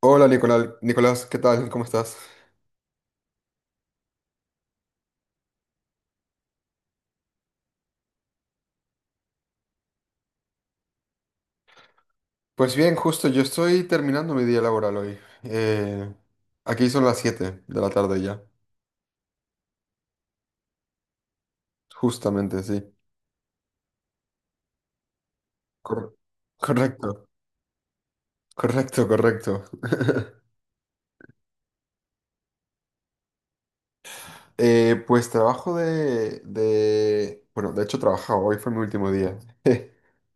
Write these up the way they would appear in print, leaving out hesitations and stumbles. Hola Nicolás, Nicolás, ¿qué tal? ¿Cómo estás? Pues bien, justo yo estoy terminando mi día laboral hoy. Eh, Aquí son las 7 de la tarde ya, justamente, sí. Cor- correcto, correcto, correcto. Pues trabajo Bueno, de hecho trabajaba, hoy fue mi último día.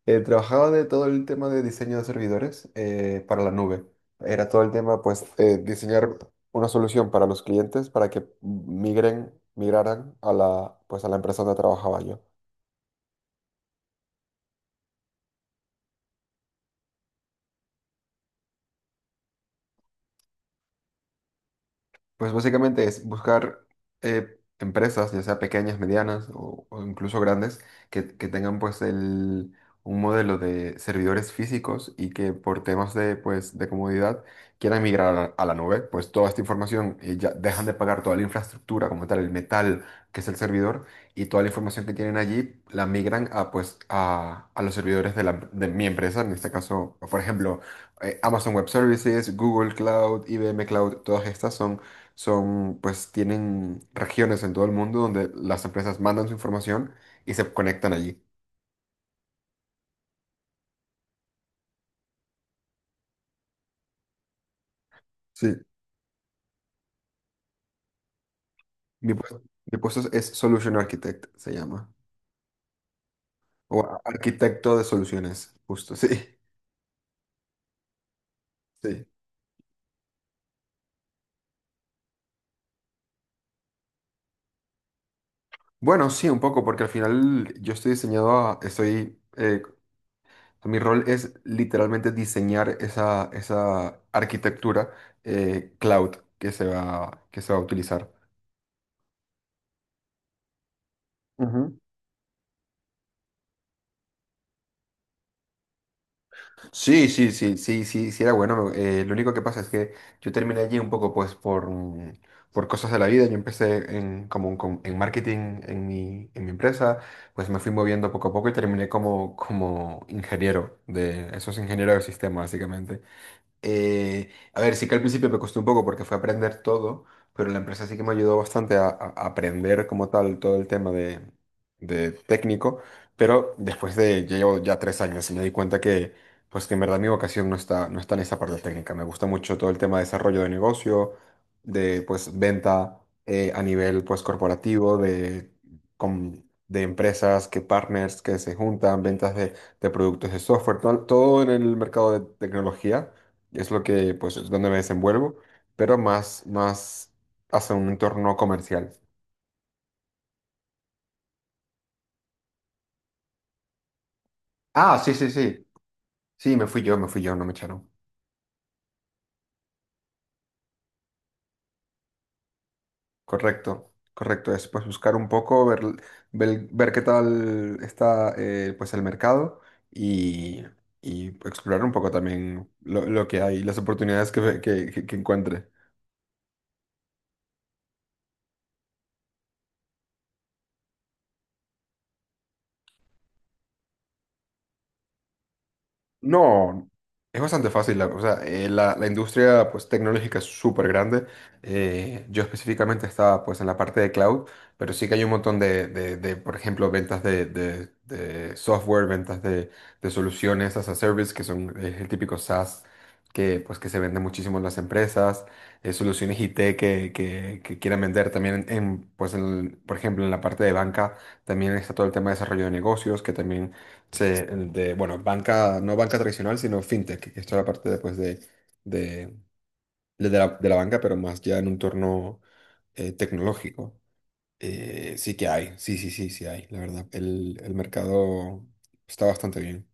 Trabajaba de todo el tema de diseño de servidores para la nube. Era todo el tema, pues, diseñar una solución para los clientes para que migraran a la, pues, a la empresa donde trabajaba yo. Pues básicamente es buscar empresas, ya sea pequeñas, medianas o incluso grandes, que tengan pues un modelo de servidores físicos y que por temas de, pues, de comodidad quieran migrar a la nube. Pues toda esta información ya dejan de pagar toda la infraestructura como tal, el metal que es el servidor y toda la información que tienen allí la migran a, pues, a los servidores de, la, de mi empresa, en este caso, por ejemplo, Amazon Web Services, Google Cloud, IBM Cloud, todas estas son pues tienen regiones en todo el mundo donde las empresas mandan su información y se conectan allí. Sí. Mi puesto, mi puesto es Solution Architect, se llama. O arquitecto de soluciones, justo, sí. Sí, bueno, sí, un poco, porque al final yo estoy estoy, mi rol es literalmente diseñar esa, esa arquitectura cloud que se va a utilizar. Sí, era bueno. Lo único que pasa es que yo terminé allí un poco, pues, por cosas de la vida. Yo empecé como en marketing en mi empresa, pues me fui moviendo poco a poco y terminé como, como ingeniero de esos ingenieros de sistemas, básicamente. A ver, sí que al principio me costó un poco porque fue aprender todo, pero la empresa sí que me ayudó bastante a aprender como tal todo el tema de técnico, pero después de, yo llevo ya tres años y me di cuenta que, pues que en verdad mi vocación no está, no está en esa parte técnica. Me gusta mucho todo el tema de desarrollo de negocio, de pues venta a nivel pues corporativo, de, com- de empresas, que partners que se juntan, ventas de productos de software, todo en el mercado de tecnología. Es lo que, pues, es donde me desenvuelvo, pero más, más hacia un entorno comercial. Ah, sí, sí, sí. Sí, me fui yo, no me echaron. Correcto, correcto. Es, pues, buscar un poco, ver, ver, ver qué tal está, pues, el mercado y, y explorar un poco también lo que hay, las oportunidades que encuentre. No, es bastante fácil. O sea, la, la industria pues, tecnológica es súper grande. Yo específicamente estaba pues, en la parte de cloud, pero sí que hay un montón de, de, por ejemplo, ventas de, de software, ventas de soluciones as a service, que son el típico SaaS que, pues, que se vende muchísimo en las empresas, soluciones IT que quieran vender también, en, pues, por ejemplo, en la parte de banca. También está todo el tema de desarrollo de negocios, que también sí, el de, bueno, banca, no banca tradicional, sino fintech, que es toda la parte después de, de la banca, pero más ya en un torno tecnológico. Sí que hay, sí, sí, sí, sí hay, la verdad. El mercado está bastante bien.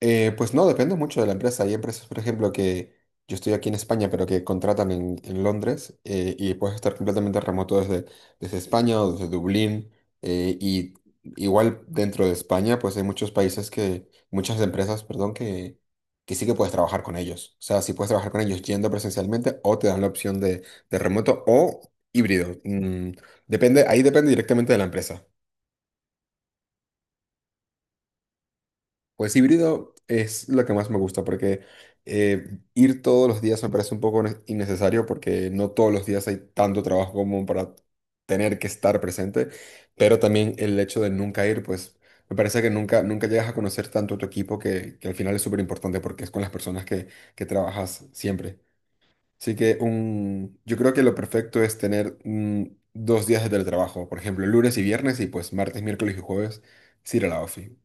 Pues no, depende mucho de la empresa. Hay empresas, por ejemplo, que yo estoy aquí en España, pero que contratan en Londres y puedes estar completamente remoto desde, desde España o desde Dublín. Y igual dentro de España, pues hay muchos países que, muchas empresas, perdón, que sí que puedes trabajar con ellos. O sea, sí puedes trabajar con ellos yendo presencialmente o te dan la opción de remoto o híbrido. Depende, ahí depende directamente de la empresa. Pues híbrido es lo que más me gusta porque ir todos los días me parece un poco innecesario porque no todos los días hay tanto trabajo como para tener que estar presente, pero también el hecho de nunca ir, pues me parece que nunca, nunca llegas a conocer tanto a tu equipo que al final es súper importante porque es con las personas que trabajas siempre. Así que un, yo creo que lo perfecto es tener dos días de teletrabajo, por ejemplo, lunes y viernes y pues martes, miércoles y jueves, sí ir a la ofi.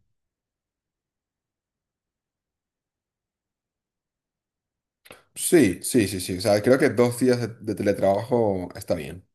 Sí, sí, sí, sí. O sea, creo que dos días de teletrabajo está bien.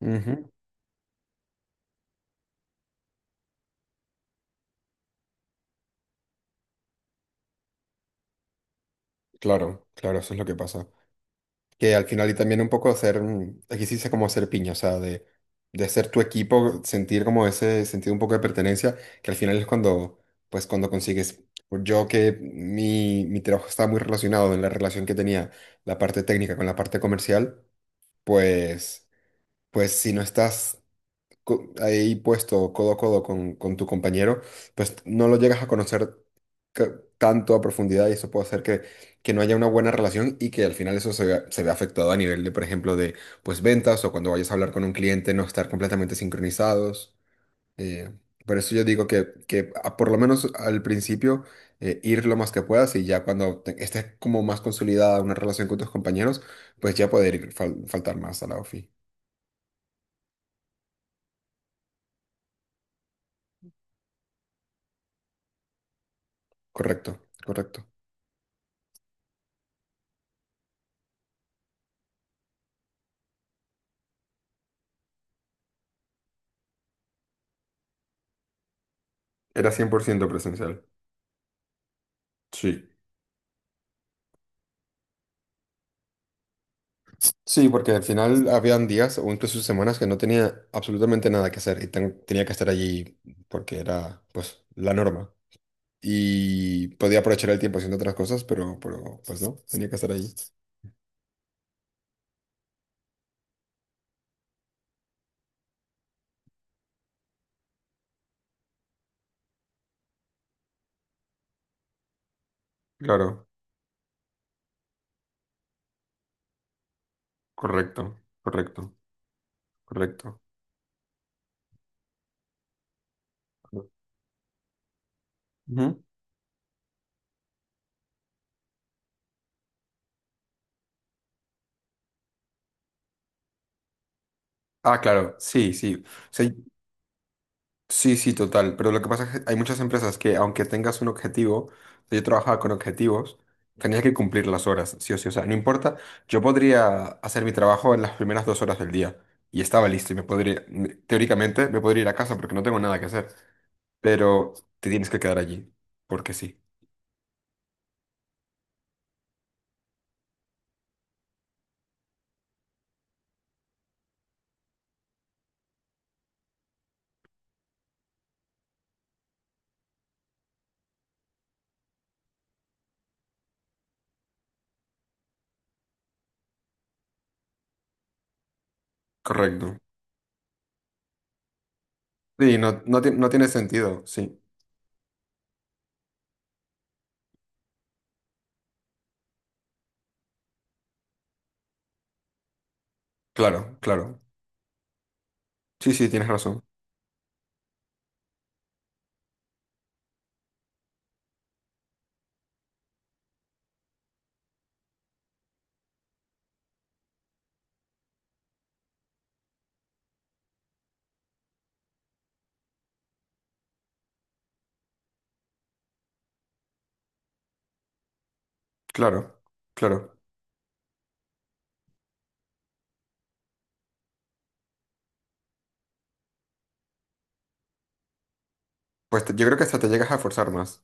Ujú. Claro, claro, eso es lo que pasa. Que al final y también un poco hacer, aquí sí dice como hacer piña, o sea, de hacer tu equipo, sentir como ese sentido un poco de pertenencia, que al final es cuando, pues cuando consigues, yo que mi trabajo estaba muy relacionado en la relación que tenía la parte técnica con la parte comercial, pues, pues si no estás ahí puesto codo a codo con tu compañero, pues no lo llegas a conocer tanto a profundidad y eso puede hacer que no haya una buena relación y que al final eso se vea afectado a nivel de, por ejemplo, de pues ventas o cuando vayas a hablar con un cliente no estar completamente sincronizados. eh, por eso yo digo que, que por lo menos al principio ir lo más que puedas y ya cuando estés como más consolidada una relación con tus compañeros, pues ya poder ir faltar más a la ofi. Correcto, correcto. Era 100% presencial. Sí. Sí, porque al final habían días o incluso semanas que no tenía absolutamente nada que hacer y tenía que estar allí porque era, pues, la norma. Y podía aprovechar el tiempo haciendo otras cosas, pero pues no, tenía que estar allí. Claro, correcto, correcto, correcto. Ujú. Ah, claro, sí, sí. Sí, sí, total. Pero lo que pasa es que hay muchas empresas que, aunque tengas un objetivo, yo trabajaba con objetivos, tenías que cumplir las horas, sí o sí. O sea, no importa, yo podría hacer mi trabajo en las primeras dos horas del día y estaba listo y me podría, teóricamente, me podría ir a casa porque no tengo nada que hacer. Pero te tienes que quedar allí, porque sí. Correcto. Sí, no, no, no tiene sentido, sí. Claro, claro. Sí, sí, tienes razón. Claro, claro. Yo creo que hasta te llegas a forzar más.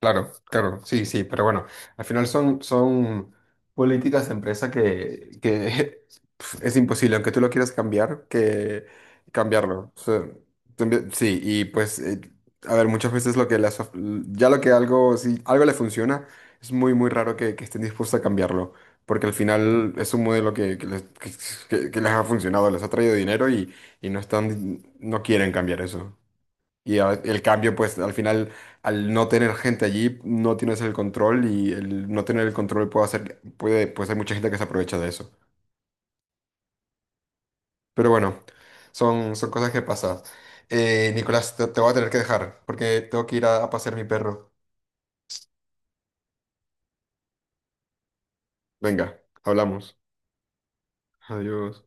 Claro, claro, sí, sí, pero bueno, al final son, son políticas de empresa que es imposible, aunque tú lo quieras cambiar, que cambiarlo. O sea, sí, y pues, a ver, muchas veces lo que ya lo que algo, si algo le funciona, es muy, muy raro que estén dispuestos a cambiarlo, porque al final es un modelo que, que les ha funcionado, les ha traído dinero y no están, no quieren cambiar eso. Y el cambio, pues al final, al no tener gente allí, no tienes el control y el no tener el control puede hacer, puede, pues hay mucha gente que se aprovecha de eso. Pero bueno, son, son cosas que pasan. Nicolás, te voy a tener que dejar porque tengo que ir a pasear mi perro. Venga, hablamos. Adiós.